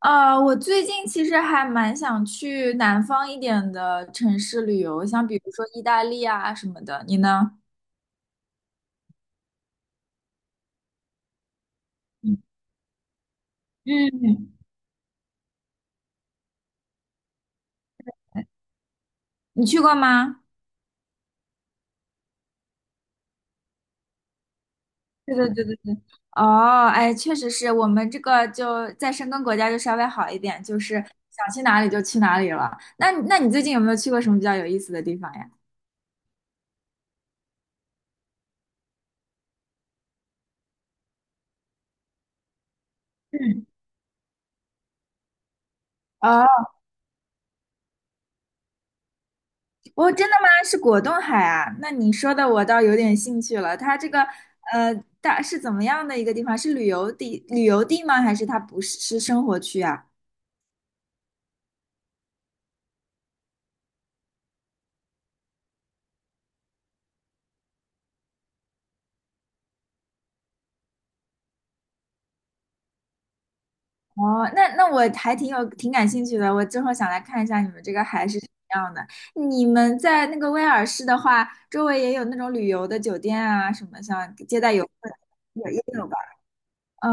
我最近其实还蛮想去南方一点的城市旅游，像比如说意大利啊什么的。你呢？嗯，嗯，你去过吗？对对对对对。哦，哎，确实是我们这个就在申根国家就稍微好一点，就是想去哪里就去哪里了。那你最近有没有去过什么比较有意思的地方呀？嗯，啊。哦，真的吗？是果冻海啊？那你说的我倒有点兴趣了。它这个呃，大是怎么样的一个地方？是旅游地旅游地吗？还是它不是是生活区啊？哦，那我还挺感兴趣的。我之后想来看一下你们这个海是什么样的。你们在那个威尔士的话，周围也有那种旅游的酒店啊，什么像接待游客也有吧？嗯，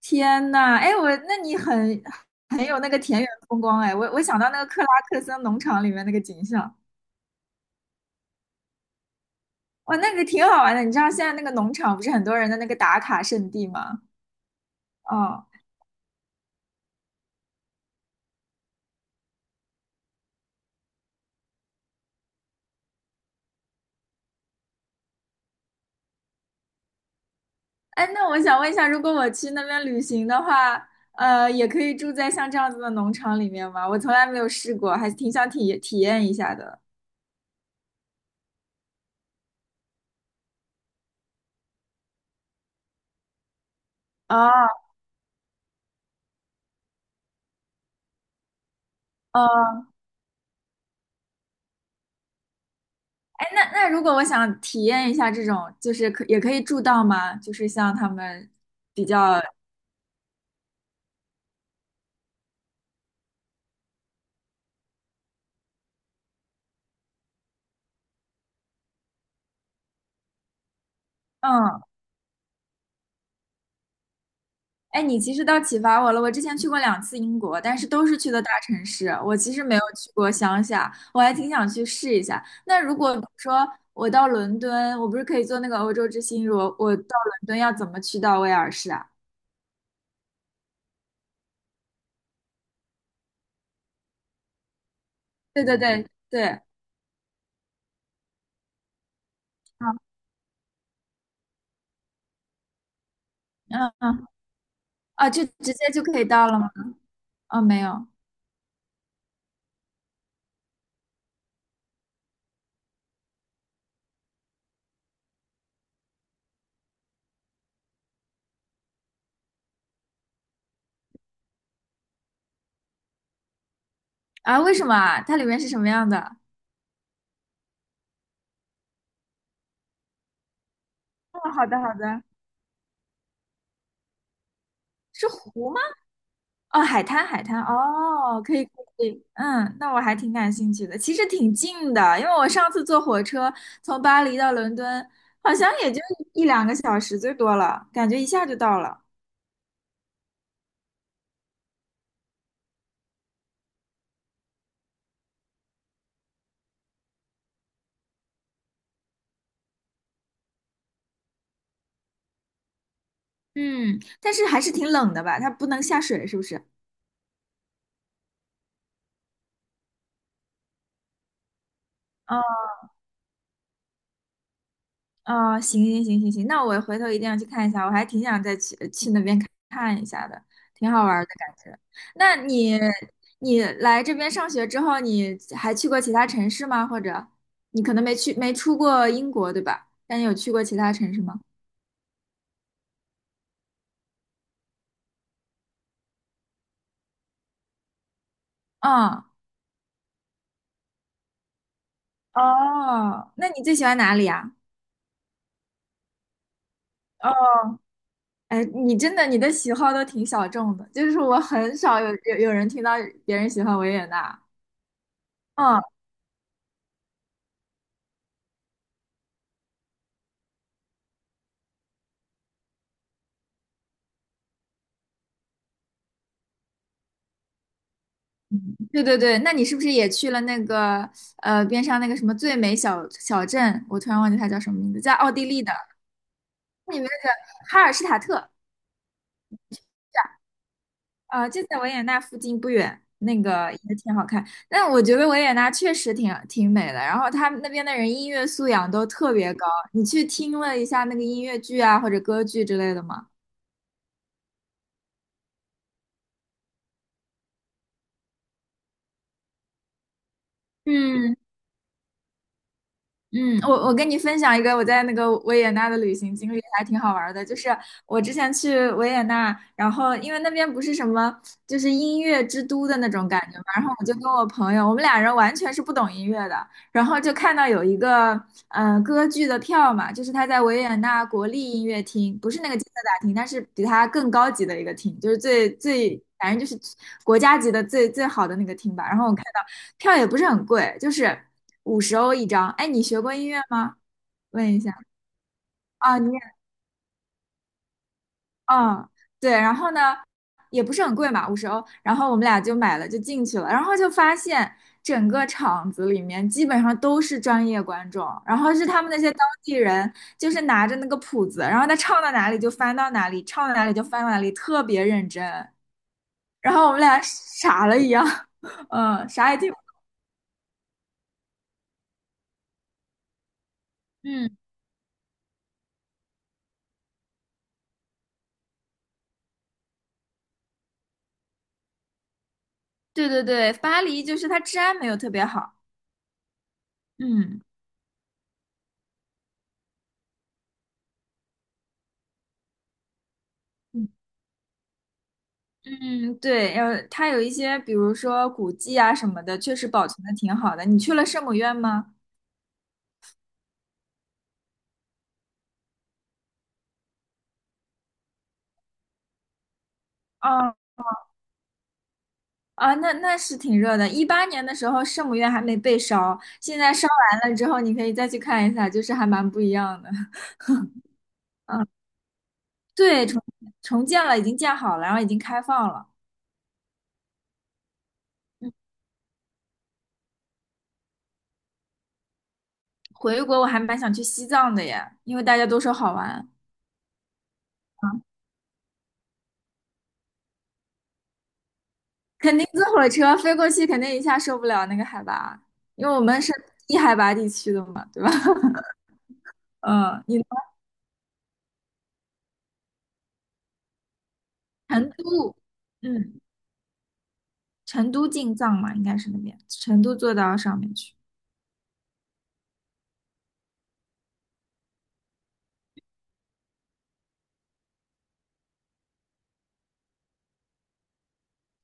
天呐，哎，那你很有那个田园风光哎，我想到那个克拉克森农场里面那个景象。哇，那个挺好玩的。你知道现在那个农场不是很多人的那个打卡圣地吗？哦，哎，那我想问一下，如果我去那边旅行的话，也可以住在像这样子的农场里面吗？我从来没有试过，还挺想体验一下的。哦，哦，哎，那如果我想体验一下这种，就是也可以住到吗？就是像他们比较，嗯，哎，你其实倒启发我了。我之前去过两次英国，但是都是去的大城市。我其实没有去过乡下，我还挺想去试一下。那如果比如说我到伦敦，我不是可以坐那个欧洲之星？如果我到伦敦要怎么去到威尔士啊？对对对对，嗯嗯嗯，啊，就直接就可以到了吗？啊，没有啊，为什么啊？它里面是什么样的？哦，好的好的，是湖吗？哦，海滩，海滩，哦，可以，可以，嗯，那我还挺感兴趣的。其实挺近的，因为我上次坐火车从巴黎到伦敦，好像也就一两个小时最多了，感觉一下就到了。嗯，但是还是挺冷的吧？它不能下水，是不是？啊，行行行行行，那我回头一定要去看一下，我还挺想再去那边看看一下的，挺好玩儿的感觉。那你来这边上学之后，你还去过其他城市吗？或者你可能没出过英国，对吧？但你有去过其他城市吗？嗯，哦，那你最喜欢哪里啊？哦，哎，你的喜好都挺小众的，就是我很少有人听到别人喜欢维也纳。嗯。对对对，那你是不是也去了那个边上那个什么最美小镇？我突然忘记它叫什么名字，在奥地利的，你们那个哈尔施塔特，就在维也纳附近不远，那个也挺好看。但我觉得维也纳确实挺美的，然后他们那边的人音乐素养都特别高。你去听了一下那个音乐剧啊或者歌剧之类的吗？嗯，嗯，我跟你分享一个我在那个维也纳的旅行经历，还挺好玩儿的。就是我之前去维也纳，然后因为那边不是什么就是音乐之都的那种感觉嘛，然后我就跟我朋友，我们俩人完全是不懂音乐的，然后就看到有一个歌剧的票嘛，就是他在维也纳国立音乐厅，不是那个金色大厅，但是比它更高级的一个厅，就是反正就是国家级的最最好的那个厅吧。然后我看到票也不是很贵，就是五十欧一张。哎，你学过音乐吗？问一下啊，你也啊，对，然后呢，也不是很贵嘛，五十欧。然后我们俩就买了，就进去了，然后就发现整个场子里面基本上都是专业观众，然后是他们那些当地人，就是拿着那个谱子，然后他唱到哪里就翻到哪里，唱到哪里就翻到哪里，特别认真。然后我们俩傻了一样，嗯，啥也听不嗯，对对对，巴黎就是它治安没有特别好。嗯嗯嗯，对，它有一些，比如说古迹啊什么的，确实保存的挺好的。你去了圣母院吗？啊啊，那是挺热的。18年的时候，圣母院还没被烧，现在烧完了之后，你可以再去看一下，就是还蛮不一样的。对，重建了，已经建好了，然后已经开放了。嗯，回国我还蛮想去西藏的耶，因为大家都说好玩。啊，肯定坐火车飞过去，肯定一下受不了那个海拔，因为我们是低海拔地区的嘛，对吧？呃，你成都，嗯，成都进藏嘛，应该是那边，成都坐到上面去。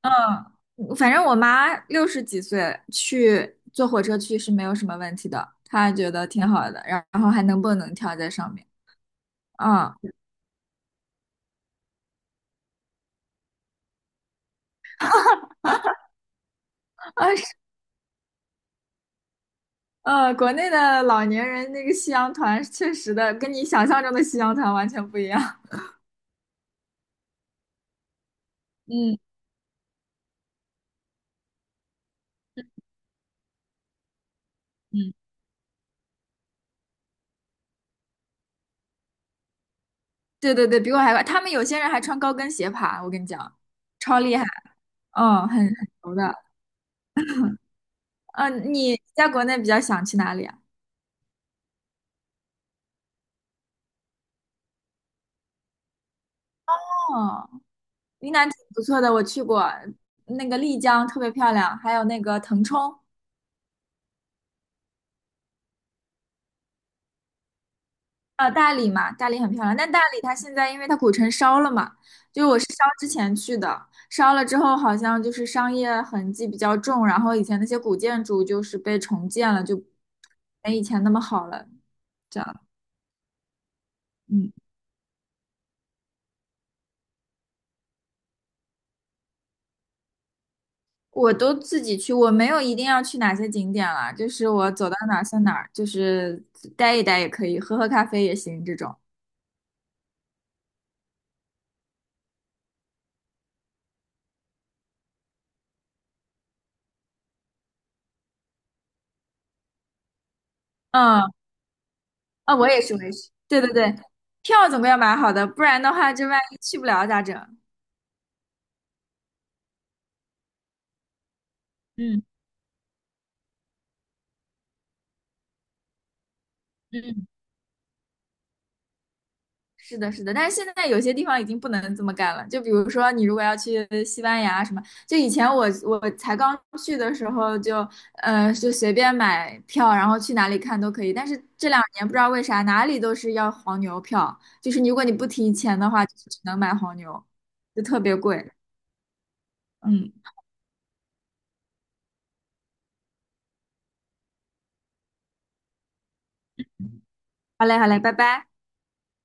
嗯，反正我妈六十几岁去坐火车去是没有什么问题的，她觉得挺好的，然后还能蹦能跳在上面。嗯，啊是，国内的老年人那个夕阳团，确实的跟你想象中的夕阳团完全不一样。嗯嗯，对对对，比我还快，他们有些人还穿高跟鞋爬，我跟你讲，超厉害。嗯，很牛的。嗯，你在国内比较想去哪里啊？哦，云南挺不错的，我去过，那个丽江特别漂亮，还有那个腾冲，大理嘛，大理很漂亮。但大理它现在因为它古城烧了嘛，就是我是烧之前去的，烧了之后好像就是商业痕迹比较重，然后以前那些古建筑就是被重建了，就没以前那么好了，这样。嗯。我都自己去，我没有一定要去哪些景点了，就是我走到哪儿算哪儿，就是待一待也可以，喝喝咖啡也行这种。嗯，啊，我也是，我也是。对对对，票总归要买好的，不然的话，这万一去不了咋整？嗯嗯。是的，是的，但是现在有些地方已经不能这么干了。就比如说，你如果要去西班牙什么，就以前我才刚去的时候就，就随便买票，然后去哪里看都可以。但是这两年不知道为啥，哪里都是要黄牛票，就是如果你不提前的话，就只能买黄牛，就特别贵。嗯，好嘞，好嘞，拜拜。